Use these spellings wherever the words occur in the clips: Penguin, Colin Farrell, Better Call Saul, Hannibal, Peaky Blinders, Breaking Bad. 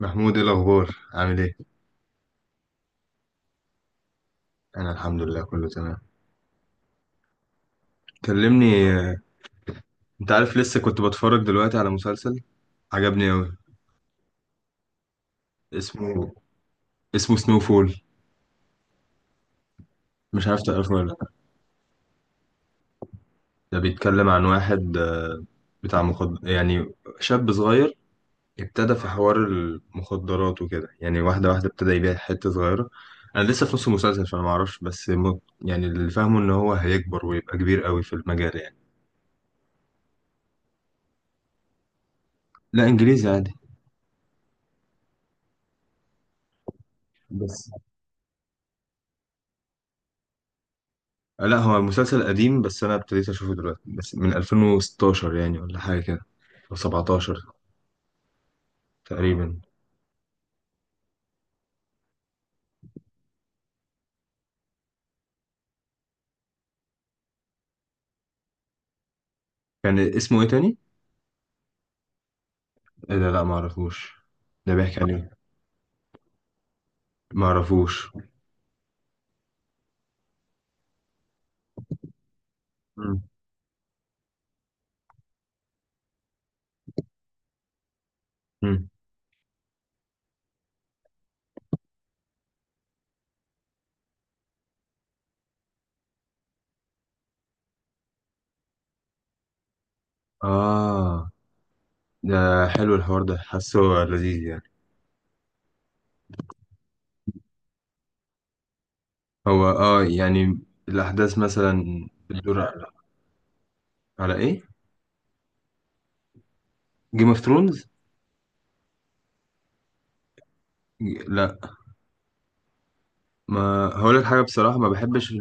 محمود، ايه الاخبار؟ عامل ايه؟ انا الحمد لله كله تمام. كلمني. آه، انت عارف، لسه كنت بتفرج دلوقتي على مسلسل عجبني اوي اسمه اسمه سنو فول. مش عارف تعرفه ولا لا؟ ده بيتكلم عن واحد، بتاع مخد يعني، شاب صغير، ابتدى في حوار المخدرات وكده يعني واحده واحده، ابتدى يبيع حته صغيره. انا لسه في نص المسلسل فانا ما اعرفش بس يعني اللي فاهمه ان هو هيكبر ويبقى كبير قوي في المجال يعني. لا، انجليزي عادي. بس لا، هو مسلسل قديم بس انا ابتديت اشوفه دلوقتي، بس من 2016 يعني ولا حاجه كده، او 17 تقريبا. كان اسمه ايه تاني؟ إيه ده، لا ما اعرفوش. ده بيحكي عن ايه؟ ما اعرفوش. مم. مم. اه، ده حلو الحوار ده، حاسه لذيذ يعني. هو يعني الاحداث مثلا بتدور على. على ايه؟ جيم اوف ثرونز. لا، ما هقول لك حاجه بصراحه، ما بحبش.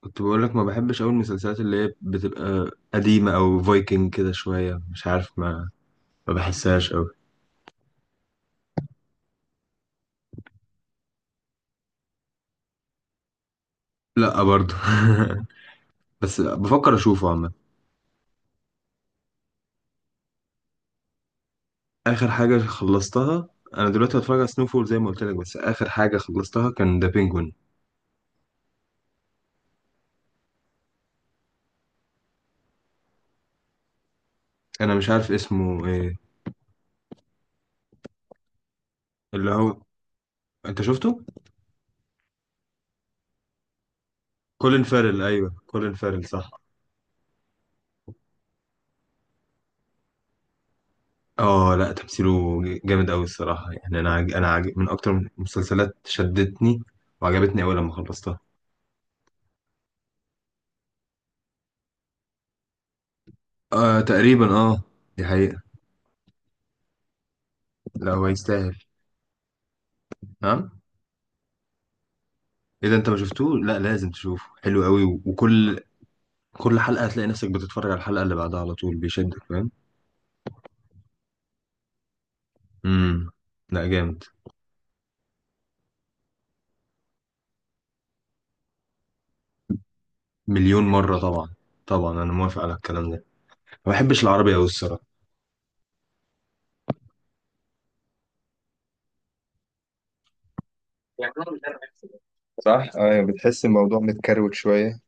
كنت بقول لك ما بحبش أوي المسلسلات اللي هي بتبقى قديمة أو فايكنج كده شوية، مش عارف ما بحسهاش أوي. لا برضو. بس بفكر أشوفه عامة. آخر حاجة خلصتها، أنا دلوقتي هتفرج على سنوفول زي ما قلت لك، بس آخر حاجة خلصتها كان ذا بينجوين. أنا مش عارف اسمه إيه. اللي هو، أنت شفته؟ كولين فارل، أيوه كولين فارل صح. اه لا، تمثيله جامد أوي الصراحة يعني. من أكتر المسلسلات شدتني وعجبتني أوي لما خلصتها. آه تقريبا، اه. دي حقيقة. لا هو يستاهل. ها. اذا انت ما شفتوه لا، لازم تشوفه، حلو قوي، و- وكل كل حلقة هتلاقي نفسك بتتفرج على الحلقة اللي بعدها على طول، بيشدك فاهم. امم. لا جامد. مليون مرة طبعا. طبعا انا موافق على الكلام ده. ما بحبش العربي قوي الصراحة. صح، ايوه، بتحس الموضوع متكروت شويه.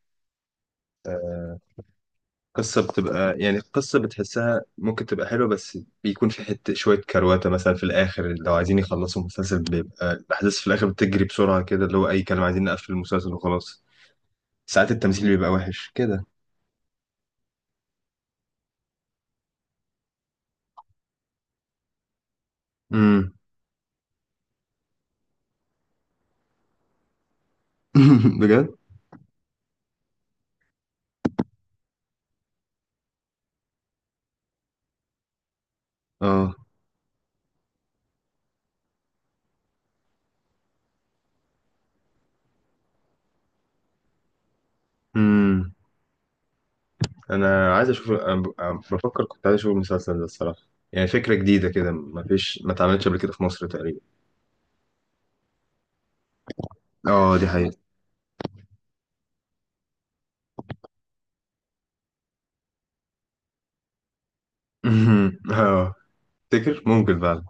قصة بتبقى يعني قصة بتحسها ممكن تبقى حلوة، بس بيكون في حتة شوية كرواتة مثلا في الآخر، لو عايزين يخلصوا المسلسل بيبقى الأحداث في الآخر بتجري بسرعة كده، اللي هو أي كلام، عايزين نقفل المسلسل وخلاص. ساعات التمثيل بيبقى وحش كده. امم. بجد؟ اه. امم. أنا عايز أشوف، أنا أنا بفكر، كنت عايز أشوف المسلسل ده الصراحة. يعني فكرة جديدة كده، ما فيش ما اتعملتش قبل كده في مصر تقريبا. اه دي حقيقة. اه، تفتكر ممكن فعلا؟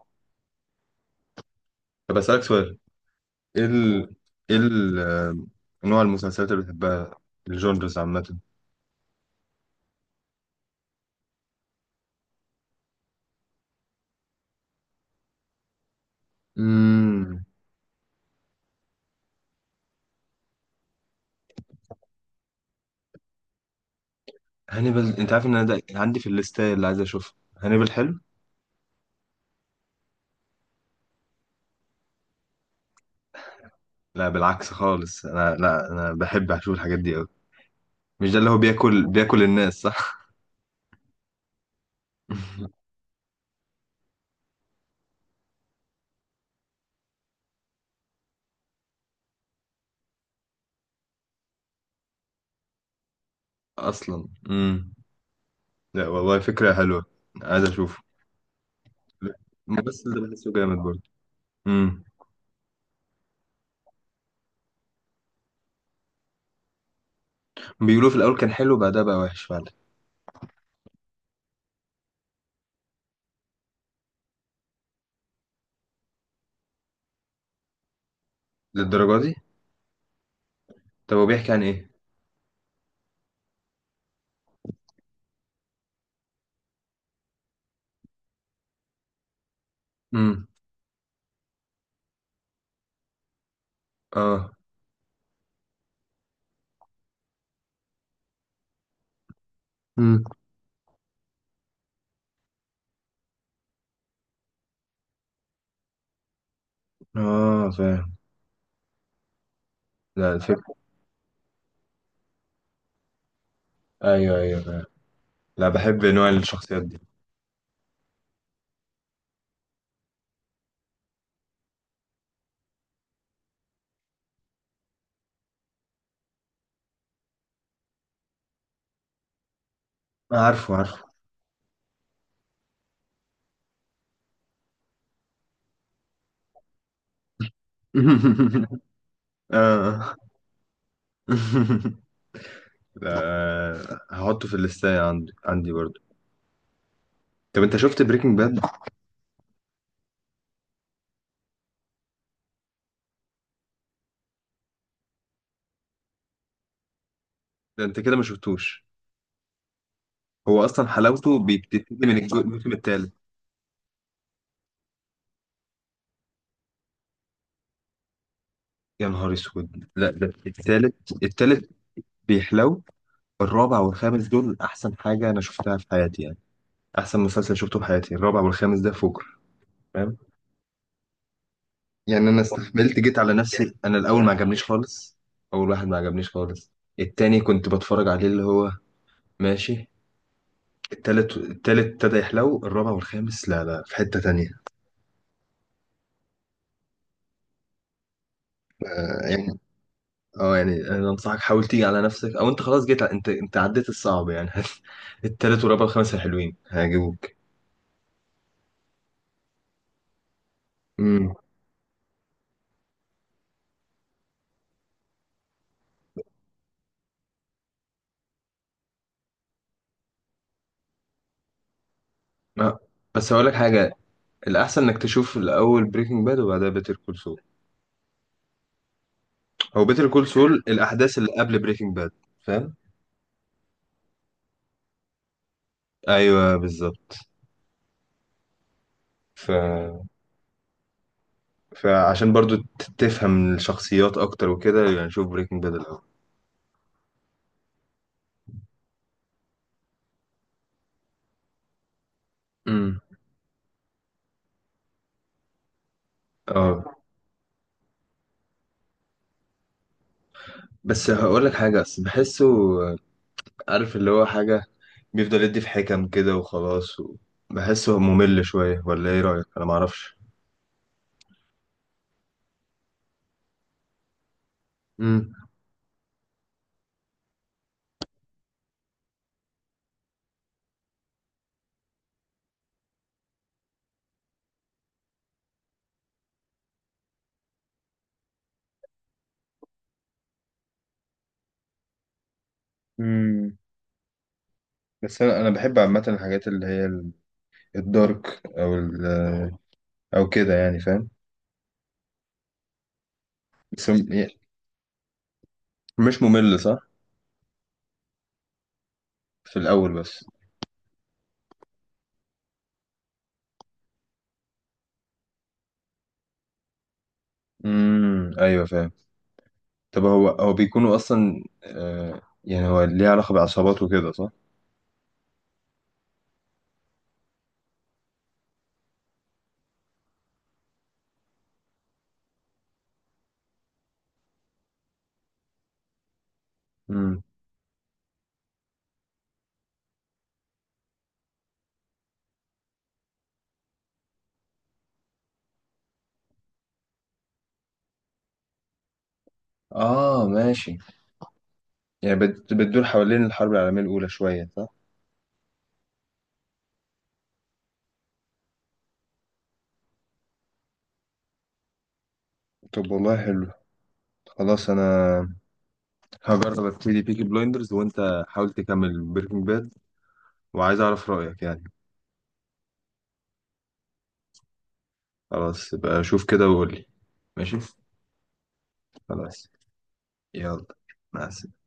طب أسألك سؤال. ايه ال... ايه ال... آه، نوع المسلسلات اللي بتحبها، الجونرز عامة. امم. هانيبال، انت عارف ان انا ده عندي في الليستة اللي عايز اشوفها، هانيبال حلو. لا بالعكس خالص، انا لا، انا بحب اشوف الحاجات دي قوي. مش ده اللي هو بياكل الناس صح؟ اصلا امم. لا والله فكرة حلوة، عايز اشوفه. الممثل ده بحسه جامد برضه. امم. بيقولوا في الاول كان حلو، بعدها بقى وحش فعلا. للدرجة دي؟ طب هو بيحكي عن ايه؟ امم. اه. امم. اه، فاهم. لا الفكرة. ايوه ايوه أيوة. لا بحب نوع الشخصيات دي. عارفه عارفه. اه لا، هحطه في الليستة عندي برضه. طب انت شفت بريكنج باد؟ ده انت كده ما شفتوش. هو اصلا حلاوته بتبتدي من الموسم الثالث. يا نهار اسود، لا ده الثالث، الثالث بيحلو. الرابع والخامس دول احسن حاجة انا شفتها في حياتي يعني. احسن مسلسل شفته في حياتي الرابع والخامس ده فجر. يعني انا استحملت، جيت على نفسي، انا الاول ما عجبنيش خالص. اول واحد ما عجبنيش خالص. التاني كنت بتفرج عليه اللي هو ماشي. التالت، التالت ابتدى يحلو، الرابع والخامس لا لا في حتة تانية. آه يعني. اه يعني انا انصحك، حاول تيجي على نفسك، او انت خلاص جيت انت عديت الصعب يعني. التالت والرابع والخامس حلوين هيعجبوك. امم. آه. بس هقول لك حاجة، الأحسن إنك تشوف الأول بريكنج باد وبعدها بيتر كول سول. هو بيتر كول سول الأحداث اللي قبل بريكنج باد. فاهم؟ أيوه بالظبط. ف فعشان برضو تفهم الشخصيات اكتر وكده يعني، شوف بريكنج باد الاول. امم. اه بس هقول لك حاجه، بس بحسه عارف اللي هو حاجه بيفضل يدي في حكم كده وخلاص بحسه ممل شويه، ولا ايه رايك؟ انا معرفش. امم. امم. بس انا بحب عامه الحاجات اللي هي الدارك، او او كده يعني فاهم. بس مش ممل صح؟ في الاول بس. ايوه فاهم. طب هو بيكونوا اصلا، يعني هو ليه علاقة بعصابات وكده صح؟ امم. اه ماشي. يعني بتدور حوالين الحرب العالمية الأولى شوية صح؟ طب والله حلو. خلاص انا هجرب ابتدي بيكي بلايندرز وانت حاول تكمل بريكنج باد، وعايز اعرف رأيك يعني. خلاص يبقى شوف كده وقول لي. ماشي. خلاص. يلا، مع السلامة.